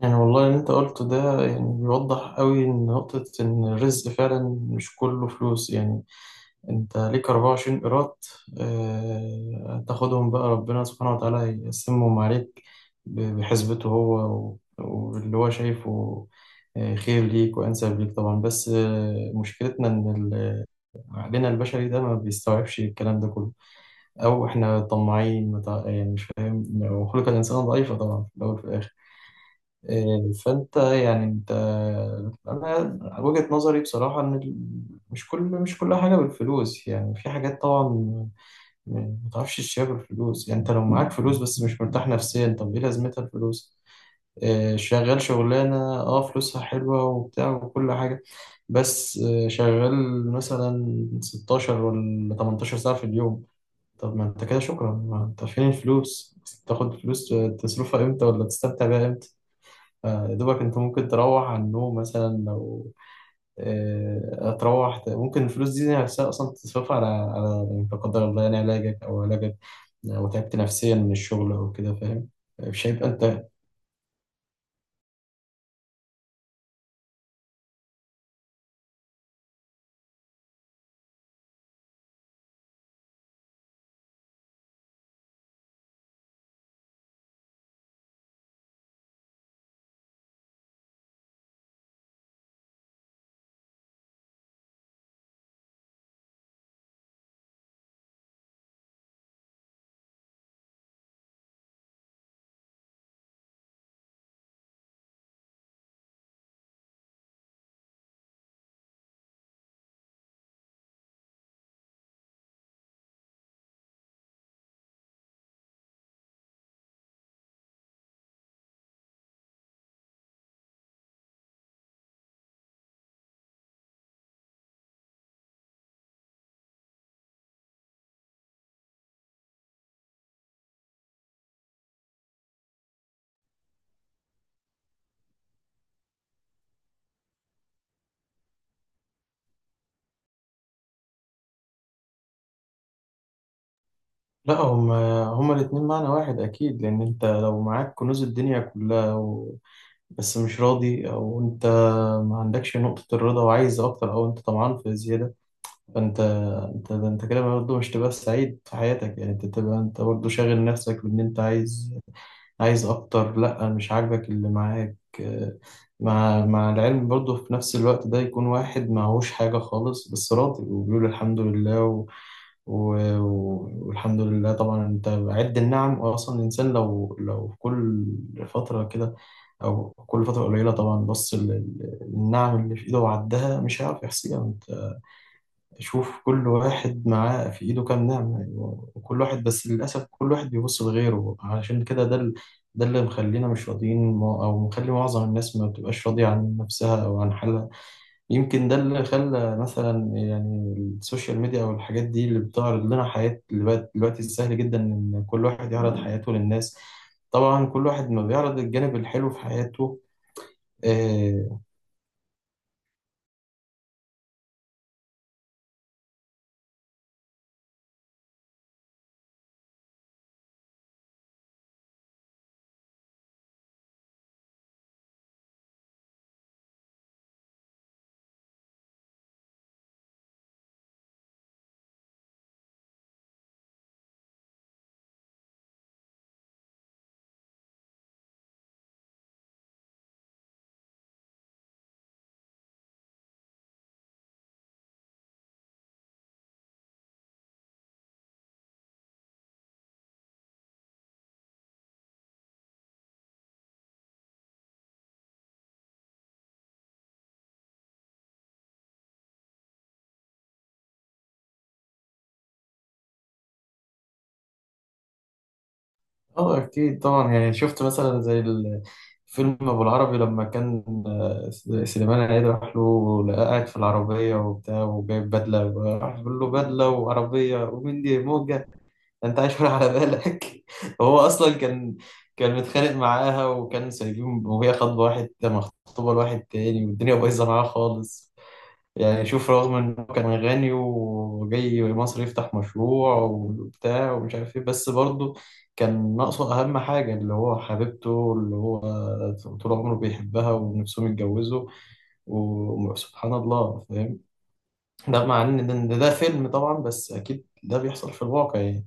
والله اللي انت قلته ده يعني بيوضح قوي ان نقطة ان الرزق فعلا مش كله فلوس يعني. انت ليك 24 قيراط، اه تاخدهم بقى، ربنا سبحانه وتعالى هيقسمهم عليك بحسبته هو واللي هو شايفه، خير ليك وانسب ليك طبعا. بس مشكلتنا ان عقلنا البشري ده ما بيستوعبش الكلام ده كله، او احنا طماعين يعني مش فاهم، وخلق الانسان ضعيفة طبعا في الاول وفي الاخر. فانت يعني انت، انا وجهة نظري بصراحة ان مش كل حاجة بالفلوس، يعني في حاجات طبعا ما تعرفش تشتريها بالفلوس. يعني انت لو معاك فلوس بس مش مرتاح نفسيا، طب ايه لازمتها الفلوس؟ شغال شغلانة اه فلوسها حلوة وبتاع وكل حاجة، بس شغال مثلا 16 ولا 18 ساعة في اليوم. طب ما انت كده شكرا، ما انت فين الفلوس؟ تاخد فلوس تصرفها امتى ولا تستمتع بيها امتى؟ يا دوبك انت ممكن تروح على النوم مثلا لو، هتروح ممكن الفلوس دي نفسها اصلا تصرفها على يعني لا قدر الله يعني علاجك او علاجك لو تعبت نفسيا من الشغل او كده، فاهم؟ مش هيبقى انت. لا، هما الاتنين معنى واحد اكيد، لان انت لو معاك كنوز الدنيا كلها و... بس مش راضي، او انت ما عندكش نقطة الرضا وعايز اكتر، او انت طمعان في زيادة، فانت، انت ده انت كده برضه مش تبقى سعيد في حياتك. يعني انت تبقى انت برضه شاغل نفسك بان انت عايز، عايز اكتر، لا مش عاجبك اللي معاك. مع العلم برضه في نفس الوقت ده يكون واحد معهوش حاجة خالص بس راضي وبيقول الحمد لله و... و... والحمد لله طبعا. انت عد النعم اصلا. الانسان لو في كل فترة كده او كل فترة قليلة طبعا بص للنعم اللي في ايده وعدها مش هيعرف يحصيها. تشوف كل واحد معاه في إيده كام نعمة يعني. وكل واحد بس للأسف كل واحد بيبص لغيره، عشان كده ده ده اللي مخلينا مش راضيين أو مخلي معظم الناس ما بتبقاش راضية عن نفسها أو عن حالها. يمكن ده اللي خلى مثلا يعني السوشيال ميديا أو الحاجات دي اللي بتعرض لنا حياة، اللي بقت دلوقتي سهل جدا إن كل واحد يعرض حياته للناس، طبعا كل واحد ما بيعرض الجانب الحلو في حياته. آه، اه اكيد طبعا. يعني شفت مثلا زي فيلم ابو العربي، لما كان سليمان عيد راح له لقاه قاعد في العربيه وبتاع وجايب بدله، راح بيقول له بدله وعربيه ومين دي موجه؟ انت عايش ولا على بالك؟ هو اصلا كان، كان متخانق معاها وكان سايبين، وهي خاطبه واحد، مخطوبه لواحد تاني والدنيا بايظه معاه خالص. يعني شوف رغم انه كان غني وجاي مصر يفتح مشروع وبتاع ومش عارف ايه، بس برضه كان ناقصه اهم حاجة اللي هو حبيبته، اللي هو طول عمره بيحبها ونفسهم يتجوزوا، وسبحان الله، فاهم؟ ده مع ان ده فيلم طبعا بس اكيد ده بيحصل في الواقع يعني.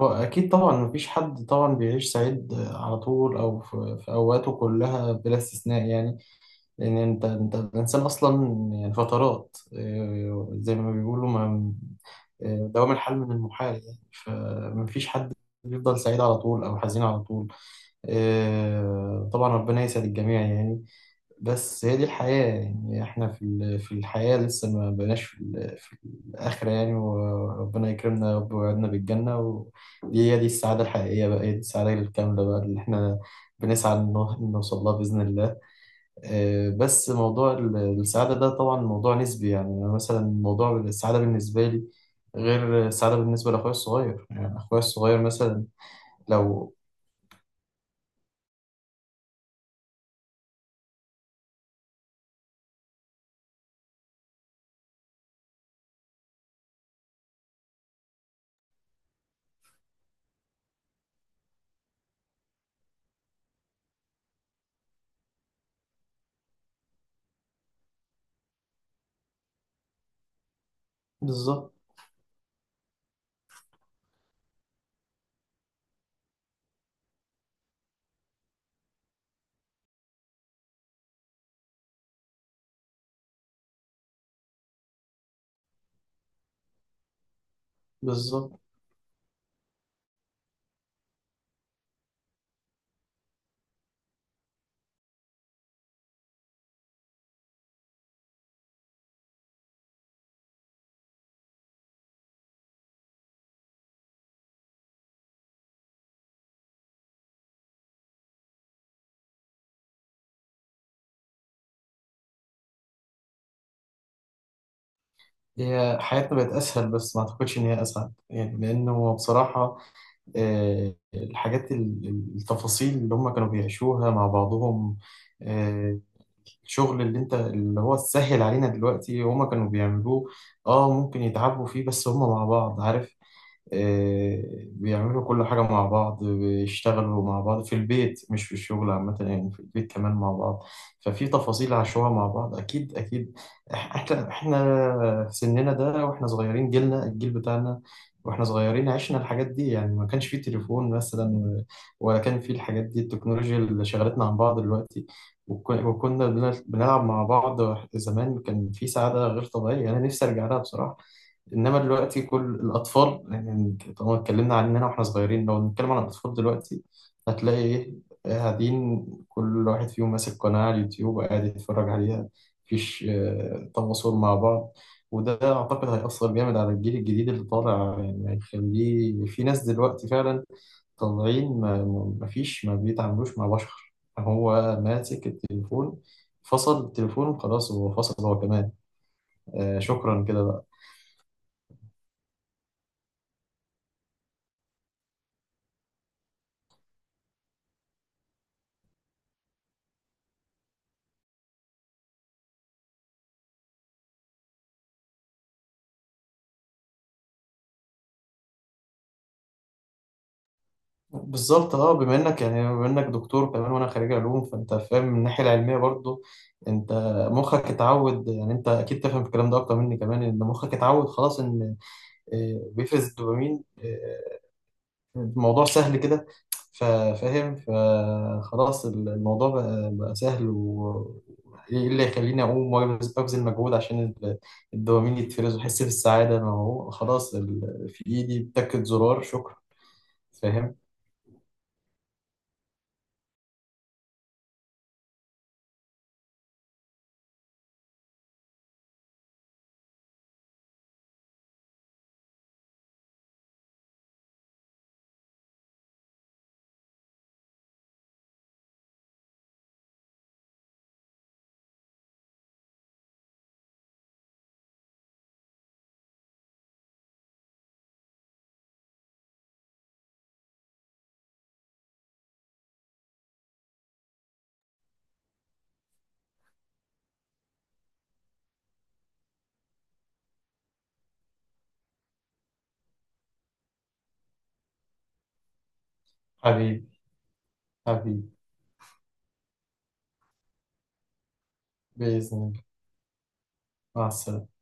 هو اكيد طبعا مفيش حد طبعا بيعيش سعيد على طول او في في اوقاته كلها بلا استثناء يعني. لأن أنت الإنسان أصلا يعني فترات، زي ما بيقولوا ما، دوام الحال من المحال يعني. فمفيش حد بيفضل سعيد على طول أو حزين على طول. طبعا ربنا يسعد الجميع يعني. بس هي دي الحياة يعني، إحنا في في الحياة لسه ما بقناش في في الآخرة يعني. وربنا يكرمنا يا رب ويوعدنا بالجنة، ودي هي دي السعادة الحقيقية بقى، هي دي السعادة الكاملة بقى اللي إحنا بنسعى إنه نوصل لها بإذن الله. بس موضوع السعادة ده طبعا موضوع نسبي يعني. أنا مثلا موضوع السعادة بالنسبة لي غير السعادة بالنسبة لأخويا الصغير، يعني أخويا الصغير مثلا لو. بالظبط. بالظبط. هي حياتنا بقت أسهل بس ما أعتقدش إن هي أسعد يعني، لأنه بصراحة الحاجات التفاصيل اللي هم كانوا بيعيشوها مع بعضهم، آه، الشغل اللي انت اللي هو سهل علينا دلوقتي هم كانوا بيعملوه. اه ممكن يتعبوا فيه بس هم مع بعض، عارف؟ بيعملوا كل حاجة مع بعض، بيشتغلوا مع بعض في البيت مش في الشغل عامة يعني، في البيت كمان مع بعض. ففي تفاصيل عاشوها مع بعض أكيد أكيد. إحنا في سننا ده وإحنا صغيرين، جيلنا الجيل بتاعنا وإحنا صغيرين عشنا الحاجات دي، يعني ما كانش فيه تليفون مثلا ولا كان فيه الحاجات دي التكنولوجيا اللي شغلتنا عن بعض دلوقتي. وكنا بنلعب مع بعض. زمان كان في سعادة غير طبيعية أنا نفسي أرجع لها بصراحة. انما دلوقتي كل الاطفال، يعني طالما اتكلمنا عننا واحنا صغيرين لو نتكلم عن الاطفال دلوقتي، هتلاقي ايه؟ قاعدين كل واحد فيهم ماسك قناة على اليوتيوب وقاعد يتفرج عليها، مفيش تواصل مع بعض. وده اعتقد هيأثر جامد على الجيل الجديد اللي طالع يعني، هيخليه في ناس دلوقتي فعلا طالعين مفيش، ما بيتعاملوش مع بشر، هو ماسك التليفون. فصل التليفون خلاص، هو فصل هو كمان. آه شكرا كده. بالظبط. اه بما انك يعني بما انك دكتور كمان وانا خريج علوم، فانت فاهم من الناحيه العلميه برضو. انت مخك اتعود، يعني انت اكيد تفهم الكلام ده اكتر مني كمان، ان مخك اتعود خلاص ان بيفرز الدوبامين. الموضوع سهل كده، فاهم؟ فخلاص الموضوع بقى سهل. و ايه اللي يخليني اقوم أبذل مجهود عشان الدوبامين يتفرز واحس بالسعاده؟ ما هو خلاص في ايدي، بتاكد زرار شكرا. فاهم؟ حبيبي. حبيبي. بإذن الله. مع السلامة.